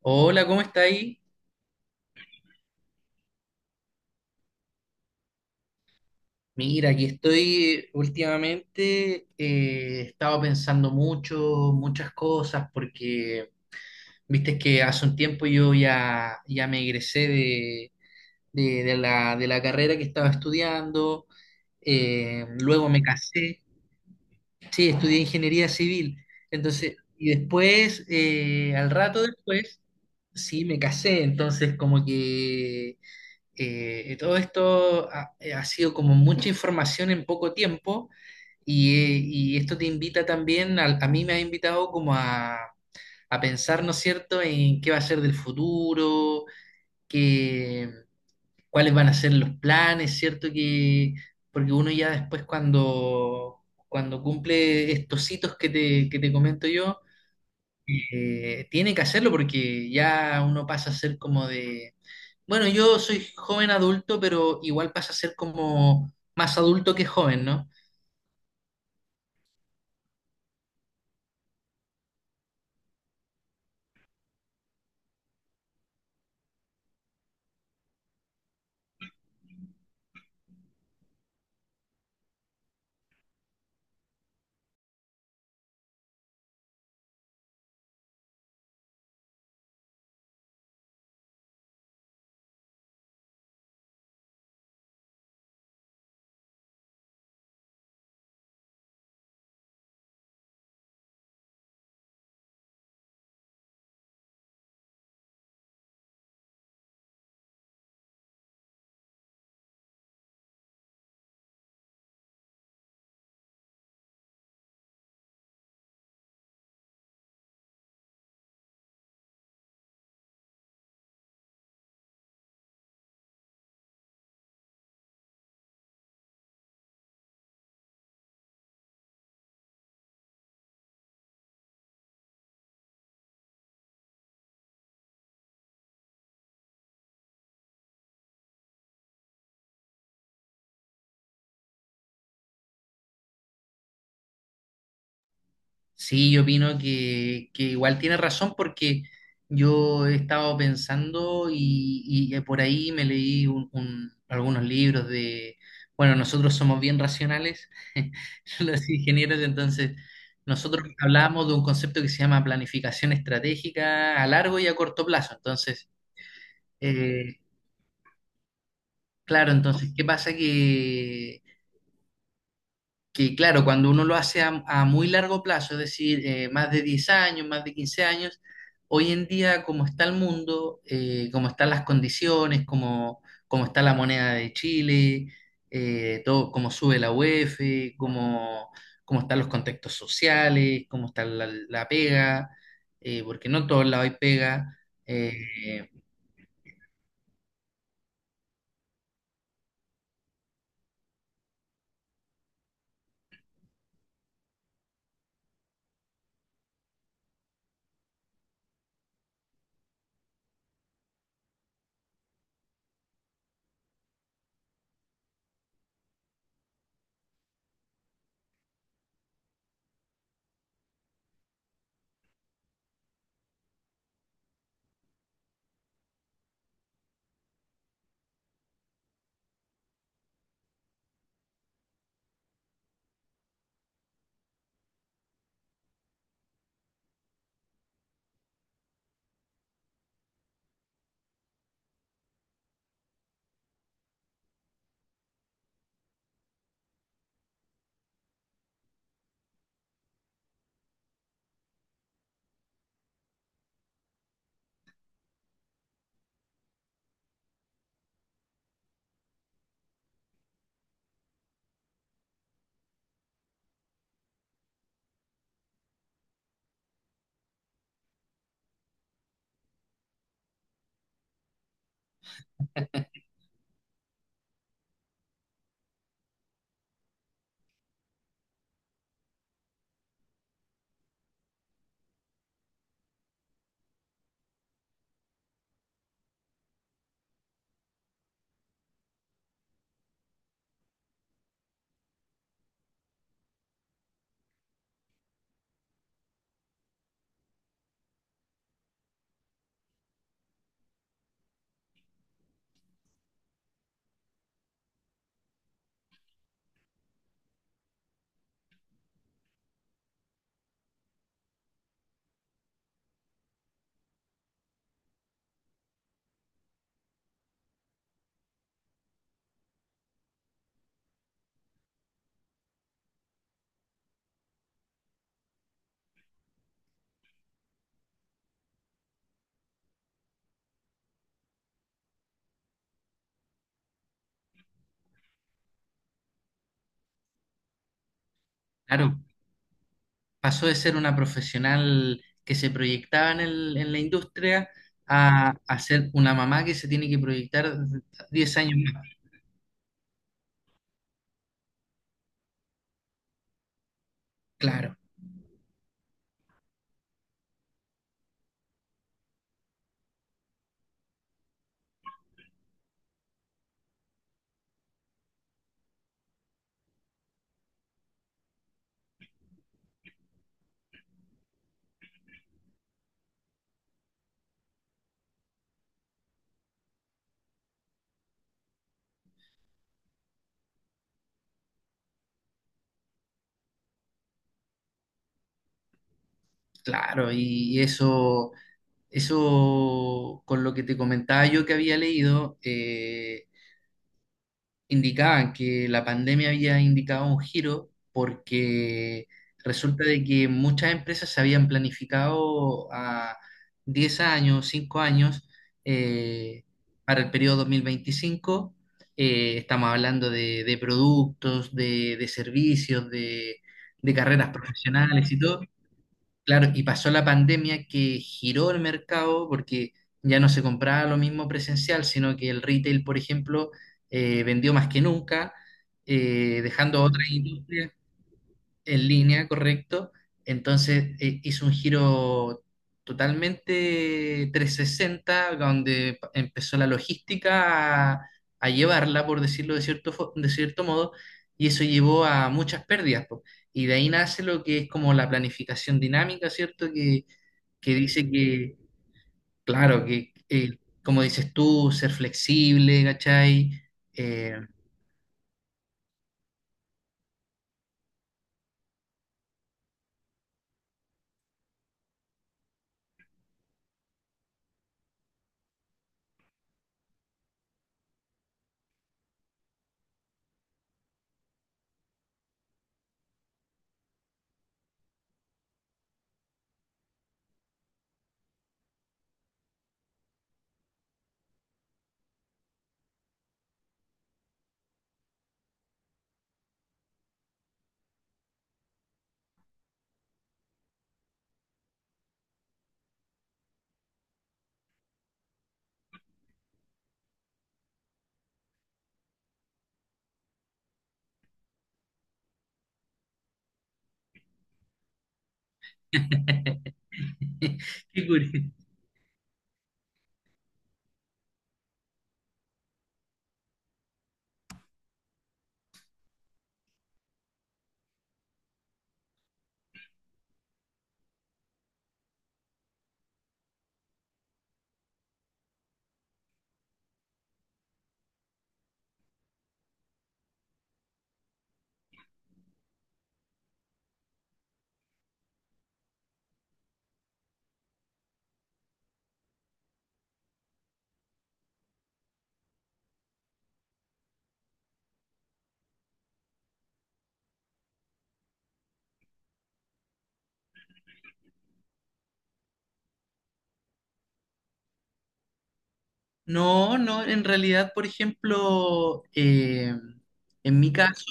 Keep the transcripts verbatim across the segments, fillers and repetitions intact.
Hola, ¿cómo está ahí? Mira, aquí estoy últimamente, eh, he estado pensando mucho, muchas cosas, porque viste que hace un tiempo yo ya, ya me egresé de, de- de la, de la carrera que estaba estudiando. Eh, luego me casé. Sí, estudié ingeniería civil. Entonces, y después, eh, al rato después, sí, me casé. Entonces como que Eh, todo esto ha, eh, ha sido como mucha información en poco tiempo, y, eh, y esto te invita también, a, a mí me ha invitado como a, a pensar, ¿no es cierto?, en qué va a ser del futuro, qué, cuáles van a ser los planes, ¿cierto? Que, porque uno ya después cuando, cuando, cumple estos hitos que te, que te comento yo, eh, tiene que hacerlo porque ya uno pasa a ser como de bueno, yo soy joven adulto, pero igual pasa a ser como más adulto que joven, ¿no? Sí, yo opino que, que igual tiene razón porque yo he estado pensando y, y eh, por ahí me leí un- un- algunos libros de, bueno, nosotros somos bien racionales, los ingenieros. Entonces nosotros hablamos de un concepto que se llama planificación estratégica a largo y a corto plazo, entonces. eh, Claro, entonces, ¿qué pasa? Que que claro, cuando uno lo hace a, a muy largo plazo, es decir, eh, más de diez años, más de quince años, hoy en día como está el mundo, eh, como están las condiciones, como, como está la moneda de Chile, eh, todo, cómo sube la U E F, cómo, cómo están los contextos sociales, cómo está la, la pega, eh, porque no en todos lados hay pega. eh, claro, pasó de ser una profesional que se proyectaba en el- en la industria a, a ser una mamá que se tiene que proyectar diez años más. Claro, claro, y eso, eso, con lo que te comentaba yo que había leído, eh, indicaban que la pandemia había indicado un giro porque resulta de que muchas empresas se habían planificado a diez años, cinco años eh, para el periodo dos mil veinticinco. Eh, estamos hablando de, de productos, de, de servicios, de, de carreras profesionales y todo. Claro, y pasó la pandemia que giró el mercado porque ya no se compraba lo mismo presencial, sino que el retail, por ejemplo, eh, vendió más que nunca, eh, dejando a otras industrias en línea, correcto. Entonces eh, hizo un giro totalmente trescientos sesenta, donde pa- empezó la logística a, a llevarla, por decirlo de cierto, fo- de cierto modo, y eso llevó a muchas pérdidas. Po. Y de ahí nace lo que es como la planificación dinámica, ¿cierto? Que, que dice que, claro, que eh, como dices tú, ser flexible, ¿cachai? Eh, Qué curioso. No, no, en realidad, por ejemplo, eh, en mi caso,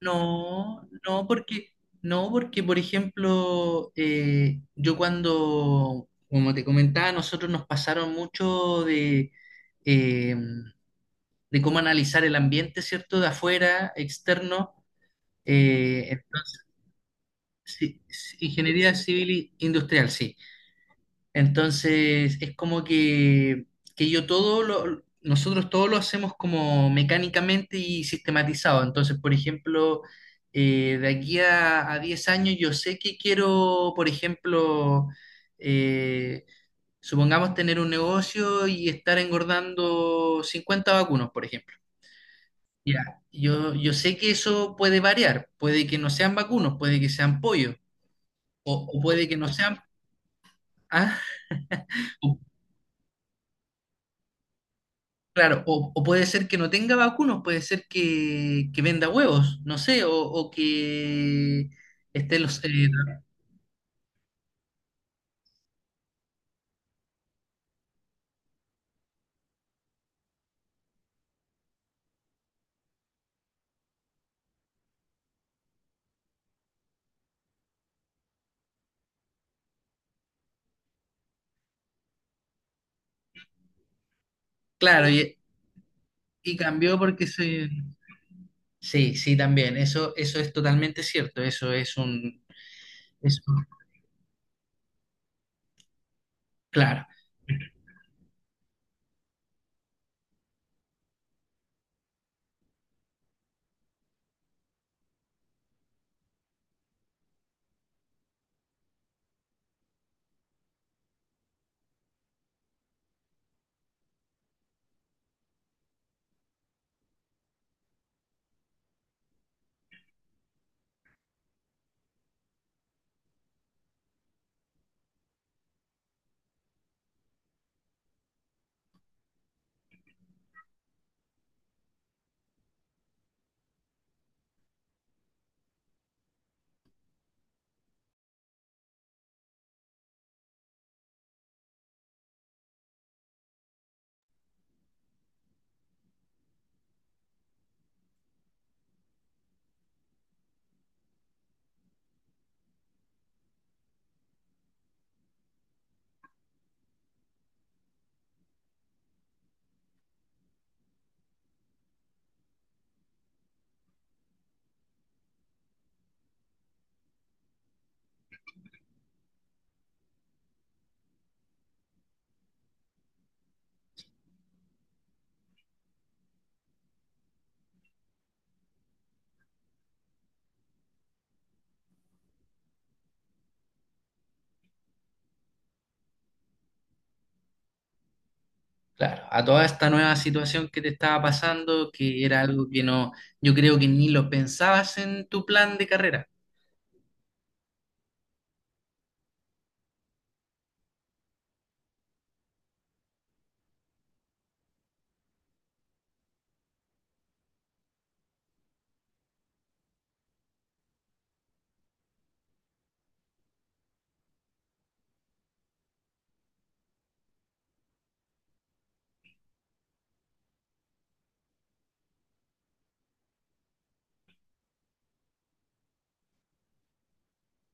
no, no, porque, no, porque, por ejemplo, eh, yo cuando, como te comentaba, nosotros nos pasaron mucho de, eh, de cómo analizar el ambiente, ¿cierto? De afuera, externo, eh, entonces, sí, sí, ingeniería civil e industrial, sí. Entonces, es como que, que, yo todo lo, nosotros todo lo hacemos como mecánicamente y sistematizado. Entonces, por ejemplo, eh, de aquí a, a diez años yo sé que quiero, por ejemplo, eh, supongamos tener un negocio y estar engordando cincuenta vacunos, por ejemplo. Ya, yo, yo sé que eso puede variar, puede que no sean vacunos, puede que sean pollos, o, o puede que no sean. ¿Ah? Claro, o, o puede ser que no tenga vacunos, puede ser que, que venda huevos, no sé, o, o que esté los eh, claro, y, y, cambió porque se. Sí, sí, también, eso, eso es totalmente cierto, eso es un eso claro, claro, a toda esta nueva situación que te estaba pasando, que era algo que no, yo creo que ni lo pensabas en tu plan de carrera.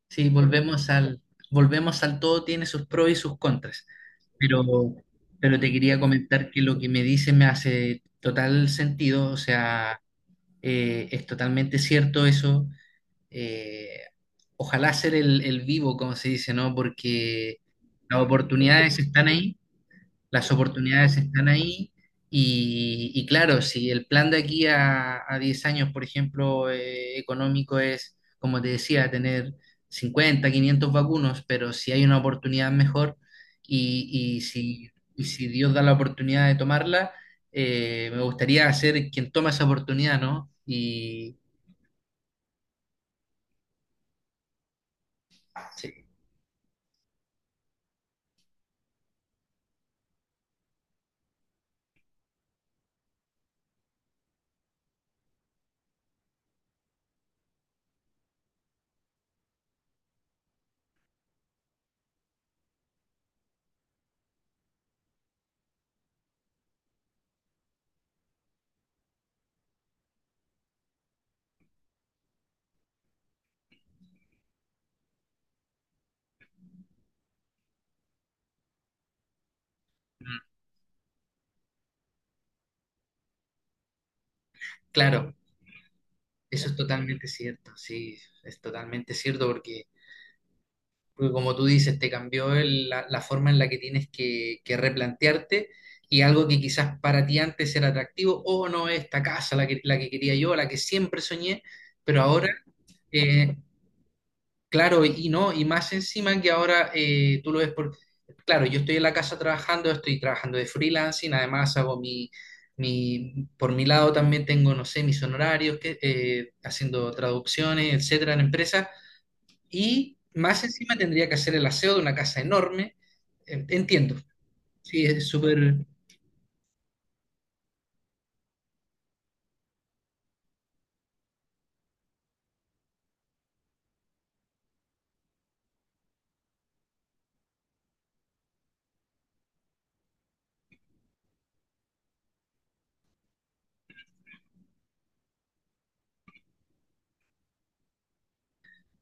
Sí, volvemos al, volvemos al todo tiene sus pros y sus contras, pero, pero te quería comentar que lo que me dice me hace total sentido, o sea, eh, es totalmente cierto eso. eh, Ojalá ser el, el vivo, como se dice, ¿no? Porque las oportunidades están ahí, las oportunidades están ahí, y, y claro, si el plan de aquí a, a diez años, por ejemplo, eh, económico es, como te decía, tener cincuenta quinientos vacunos, pero si hay una oportunidad mejor y, y si, y si Dios da la oportunidad de tomarla, eh, me gustaría ser quien toma esa oportunidad, ¿no? Y sí, mm, claro, eso es totalmente cierto, sí, es totalmente cierto porque. Porque como tú dices, te cambió el- la, la forma en la que tienes que, que replantearte, y algo que quizás para ti antes era atractivo, o no, esta casa, la que, la que quería yo, la que siempre soñé, pero ahora, eh, claro, y no, y más encima que ahora eh, tú lo ves por, claro, yo estoy en la casa trabajando, estoy trabajando de freelancing, además hago mi, mi, por mi lado también tengo, no sé, mis honorarios, que, eh, haciendo traducciones, etcétera, en empresas, y más encima tendría que hacer el aseo de una casa enorme. En- Entiendo. Sí, es súper,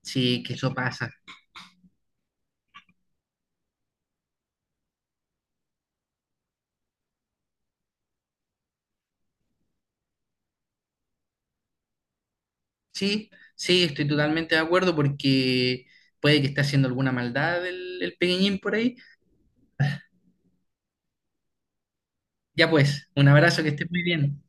sí, que eso pasa. Sí, sí, estoy totalmente de acuerdo porque puede que esté haciendo alguna maldad el, el pequeñín por ahí. Ya pues, un abrazo, que estés muy bien.